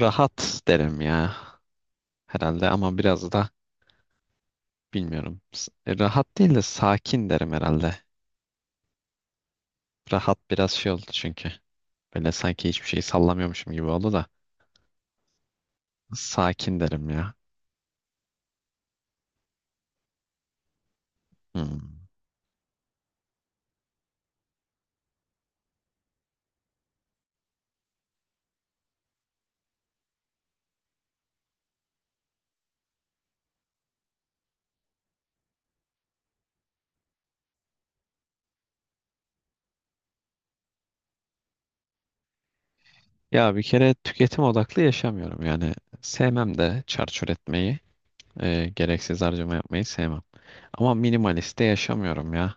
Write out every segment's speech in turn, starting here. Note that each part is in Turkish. Rahat derim ya herhalde ama biraz da bilmiyorum. Rahat değil de sakin derim herhalde. Rahat biraz şey oldu çünkü. Böyle sanki hiçbir şeyi sallamıyormuşum gibi oldu da. Sakin derim ya. Hmm. Ya bir kere tüketim odaklı yaşamıyorum yani. Sevmem de çarçur etmeyi, gereksiz harcama yapmayı sevmem. Ama minimalist de yaşamıyorum ya.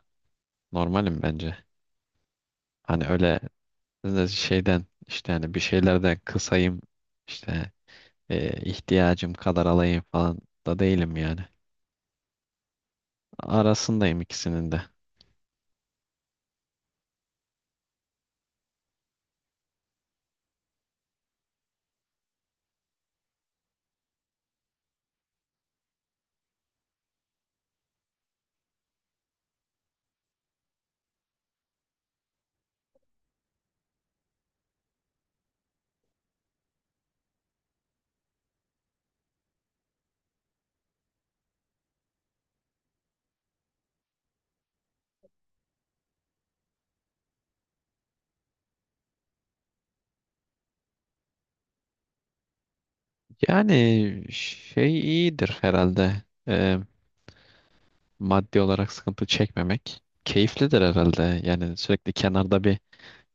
Normalim bence. Hani öyle şeyden işte hani bir şeylerden kısayım işte ihtiyacım kadar alayım falan da değilim yani. Arasındayım ikisinin de. Yani şey iyidir herhalde. Maddi olarak sıkıntı çekmemek. Keyiflidir herhalde. Yani sürekli kenarda bir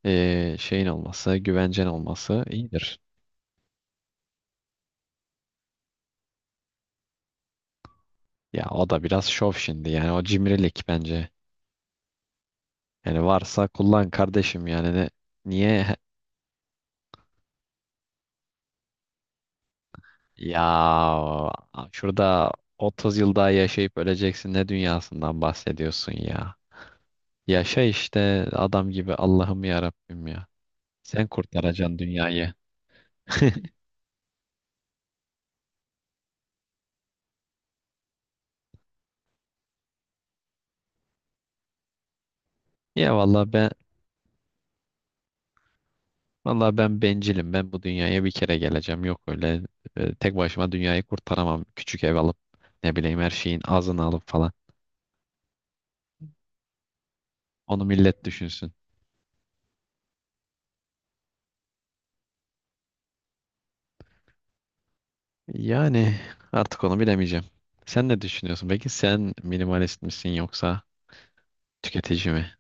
şeyin olması, güvencen olması iyidir. Ya o da biraz şov şimdi yani o cimrilik bence. Yani varsa kullan kardeşim yani ne, niye ya şurada 30 yıl daha yaşayıp öleceksin, ne dünyasından bahsediyorsun ya. Yaşa işte adam gibi Allah'ım ya Rabbim ya. Sen kurtaracaksın dünyayı. Ya vallahi ben bencilim. Ben bu dünyaya bir kere geleceğim. Yok öyle tek başıma dünyayı kurtaramam. Küçük ev alıp ne bileyim her şeyin azını alıp falan. Onu millet düşünsün. Yani artık onu bilemeyeceğim. Sen ne düşünüyorsun? Peki sen minimalist misin yoksa tüketici mi?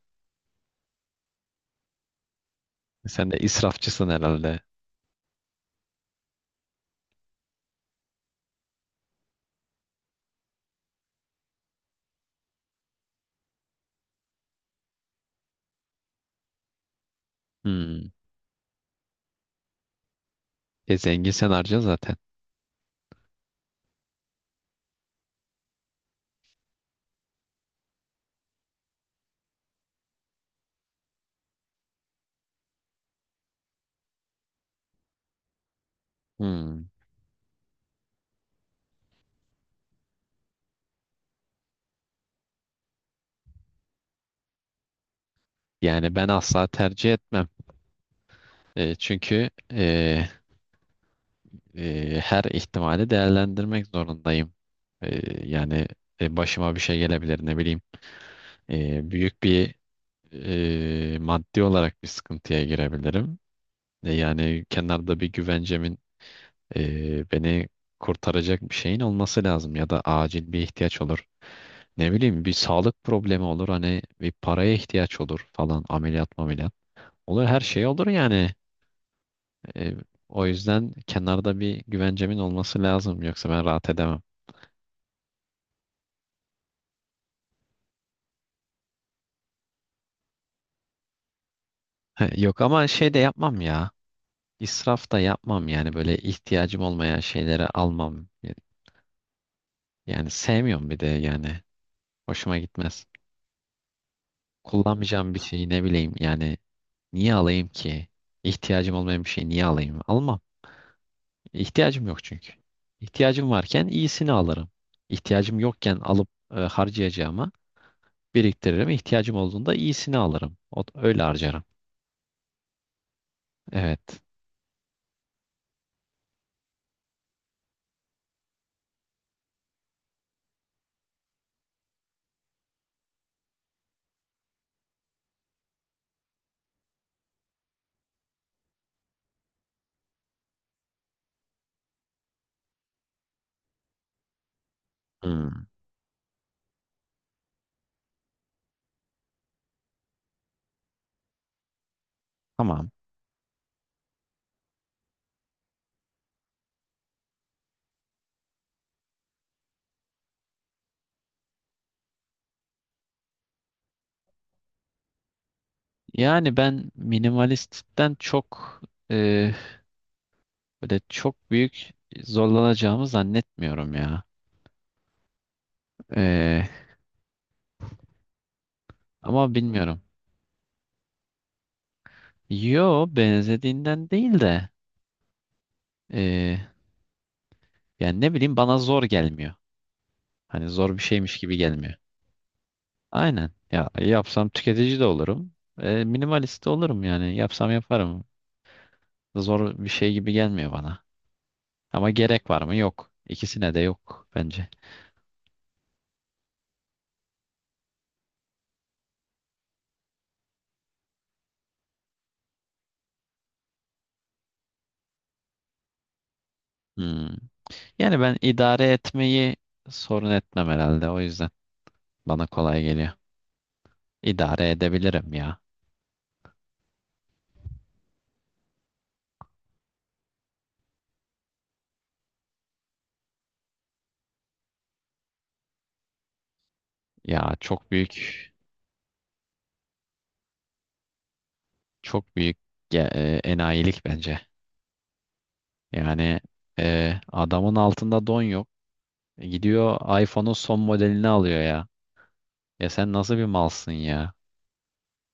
Sen de israfçısın herhalde. Hmm. E zengin sen harca zaten. Hmm. Yani ben asla tercih etmem. Çünkü her ihtimali değerlendirmek zorundayım. E, yani başıma bir şey gelebilir ne bileyim. Büyük bir maddi olarak bir sıkıntıya girebilirim. Yani kenarda bir güvencemin beni kurtaracak bir şeyin olması lazım ya da acil bir ihtiyaç olur. Ne bileyim bir sağlık problemi olur, hani bir paraya ihtiyaç olur falan, ameliyat ameliyat. Olur, her şey olur yani. E, o yüzden kenarda bir güvencemin olması lazım. Yoksa ben rahat edemem. He, yok ama şey de yapmam ya. İsraf da yapmam yani, böyle ihtiyacım olmayan şeyleri almam. Yani sevmiyorum bir de yani. Hoşuma gitmez. Kullanmayacağım bir şeyi ne bileyim yani niye alayım ki? İhtiyacım olmayan bir şeyi niye alayım? Almam. İhtiyacım yok çünkü. İhtiyacım varken iyisini alırım. İhtiyacım yokken alıp harcayacağıma biriktiririm. İhtiyacım olduğunda iyisini alırım. O, öyle harcarım. Evet. Hmm, tamam. Yani ben minimalistten çok e, böyle çok büyük zorlanacağımı zannetmiyorum ya. E, ama bilmiyorum. Yo, benzediğinden değil de e, yani ne bileyim bana zor gelmiyor. Hani zor bir şeymiş gibi gelmiyor. Aynen. Ya yapsam tüketici de olurum. Minimalist de olurum yani. Yapsam yaparım. Zor bir şey gibi gelmiyor bana. Ama gerek var mı? Yok. İkisine de yok bence. Hmm. Yani ben idare etmeyi sorun etmem herhalde. O yüzden bana kolay geliyor. İdare edebilirim ya. Ya çok büyük, çok büyük enayilik bence. Yani adamın altında don yok. Gidiyor iPhone'un son modelini alıyor ya. Ya sen nasıl bir malsın ya?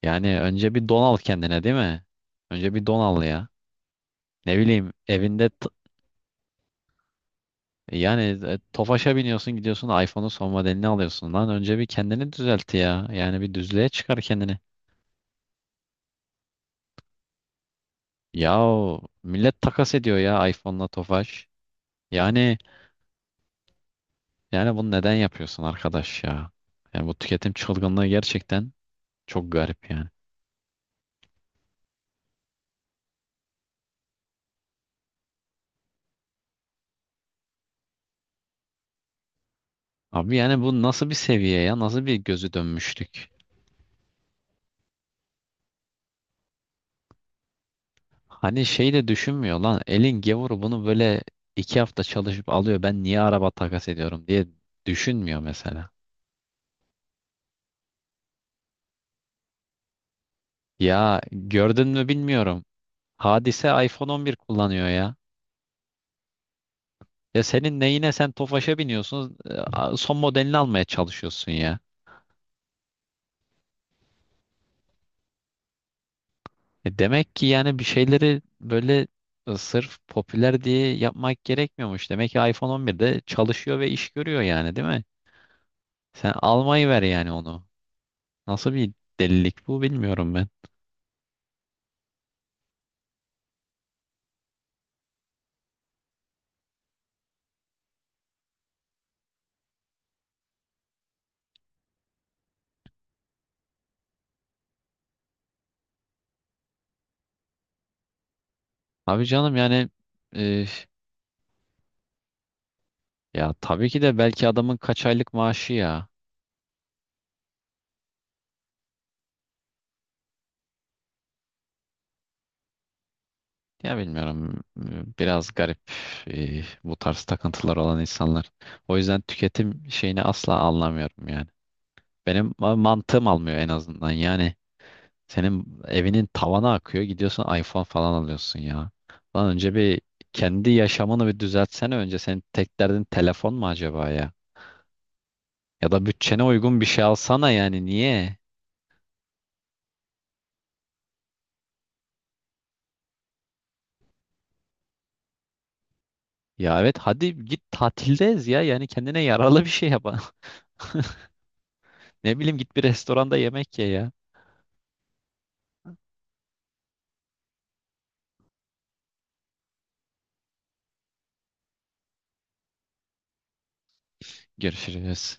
Yani önce bir don al kendine, değil mi? Önce bir don al ya. Ne bileyim evinde. Yani Tofaş'a biniyorsun, gidiyorsun iPhone'un son modelini alıyorsun lan. Önce bir kendini düzelt ya. Yani bir düzlüğe çıkar kendini. Yahu millet takas ediyor ya iPhone'la Tofaş. Yani yani bunu neden yapıyorsun arkadaş ya? Yani bu tüketim çılgınlığı gerçekten çok garip yani. Abi yani bu nasıl bir seviye ya? Nasıl bir gözü dönmüşlük? Hani şey de düşünmüyor lan. Elin gavuru bunu böyle 2 hafta çalışıp alıyor. Ben niye araba takas ediyorum diye düşünmüyor mesela. Ya gördün mü bilmiyorum. Hadise iPhone 11 kullanıyor ya. Ya senin neyine, sen Tofaş'a biniyorsun, son modelini almaya çalışıyorsun ya. Demek ki yani bir şeyleri böyle sırf popüler diye yapmak gerekmiyormuş. Demek ki iPhone 11'de çalışıyor ve iş görüyor yani, değil mi? Sen almayı ver yani onu. Nasıl bir delilik bu, bilmiyorum ben. Abi canım yani e, ya tabii ki de belki adamın kaç aylık maaşı ya. Ya bilmiyorum. Biraz garip bu tarz takıntılar olan insanlar. O yüzden tüketim şeyini asla anlamıyorum yani. Benim mantığım almıyor en azından. Yani senin evinin tavana akıyor. Gidiyorsun iPhone falan alıyorsun ya. Lan önce bir kendi yaşamını bir düzeltsene önce. Senin tek derdin telefon mu acaba ya? Ya da bütçene uygun bir şey alsana, yani niye? Ya evet, hadi git tatildeyiz ya. Yani kendine yaralı bir şey yap. Ne bileyim git bir restoranda yemek ye ya. Görüşürüz.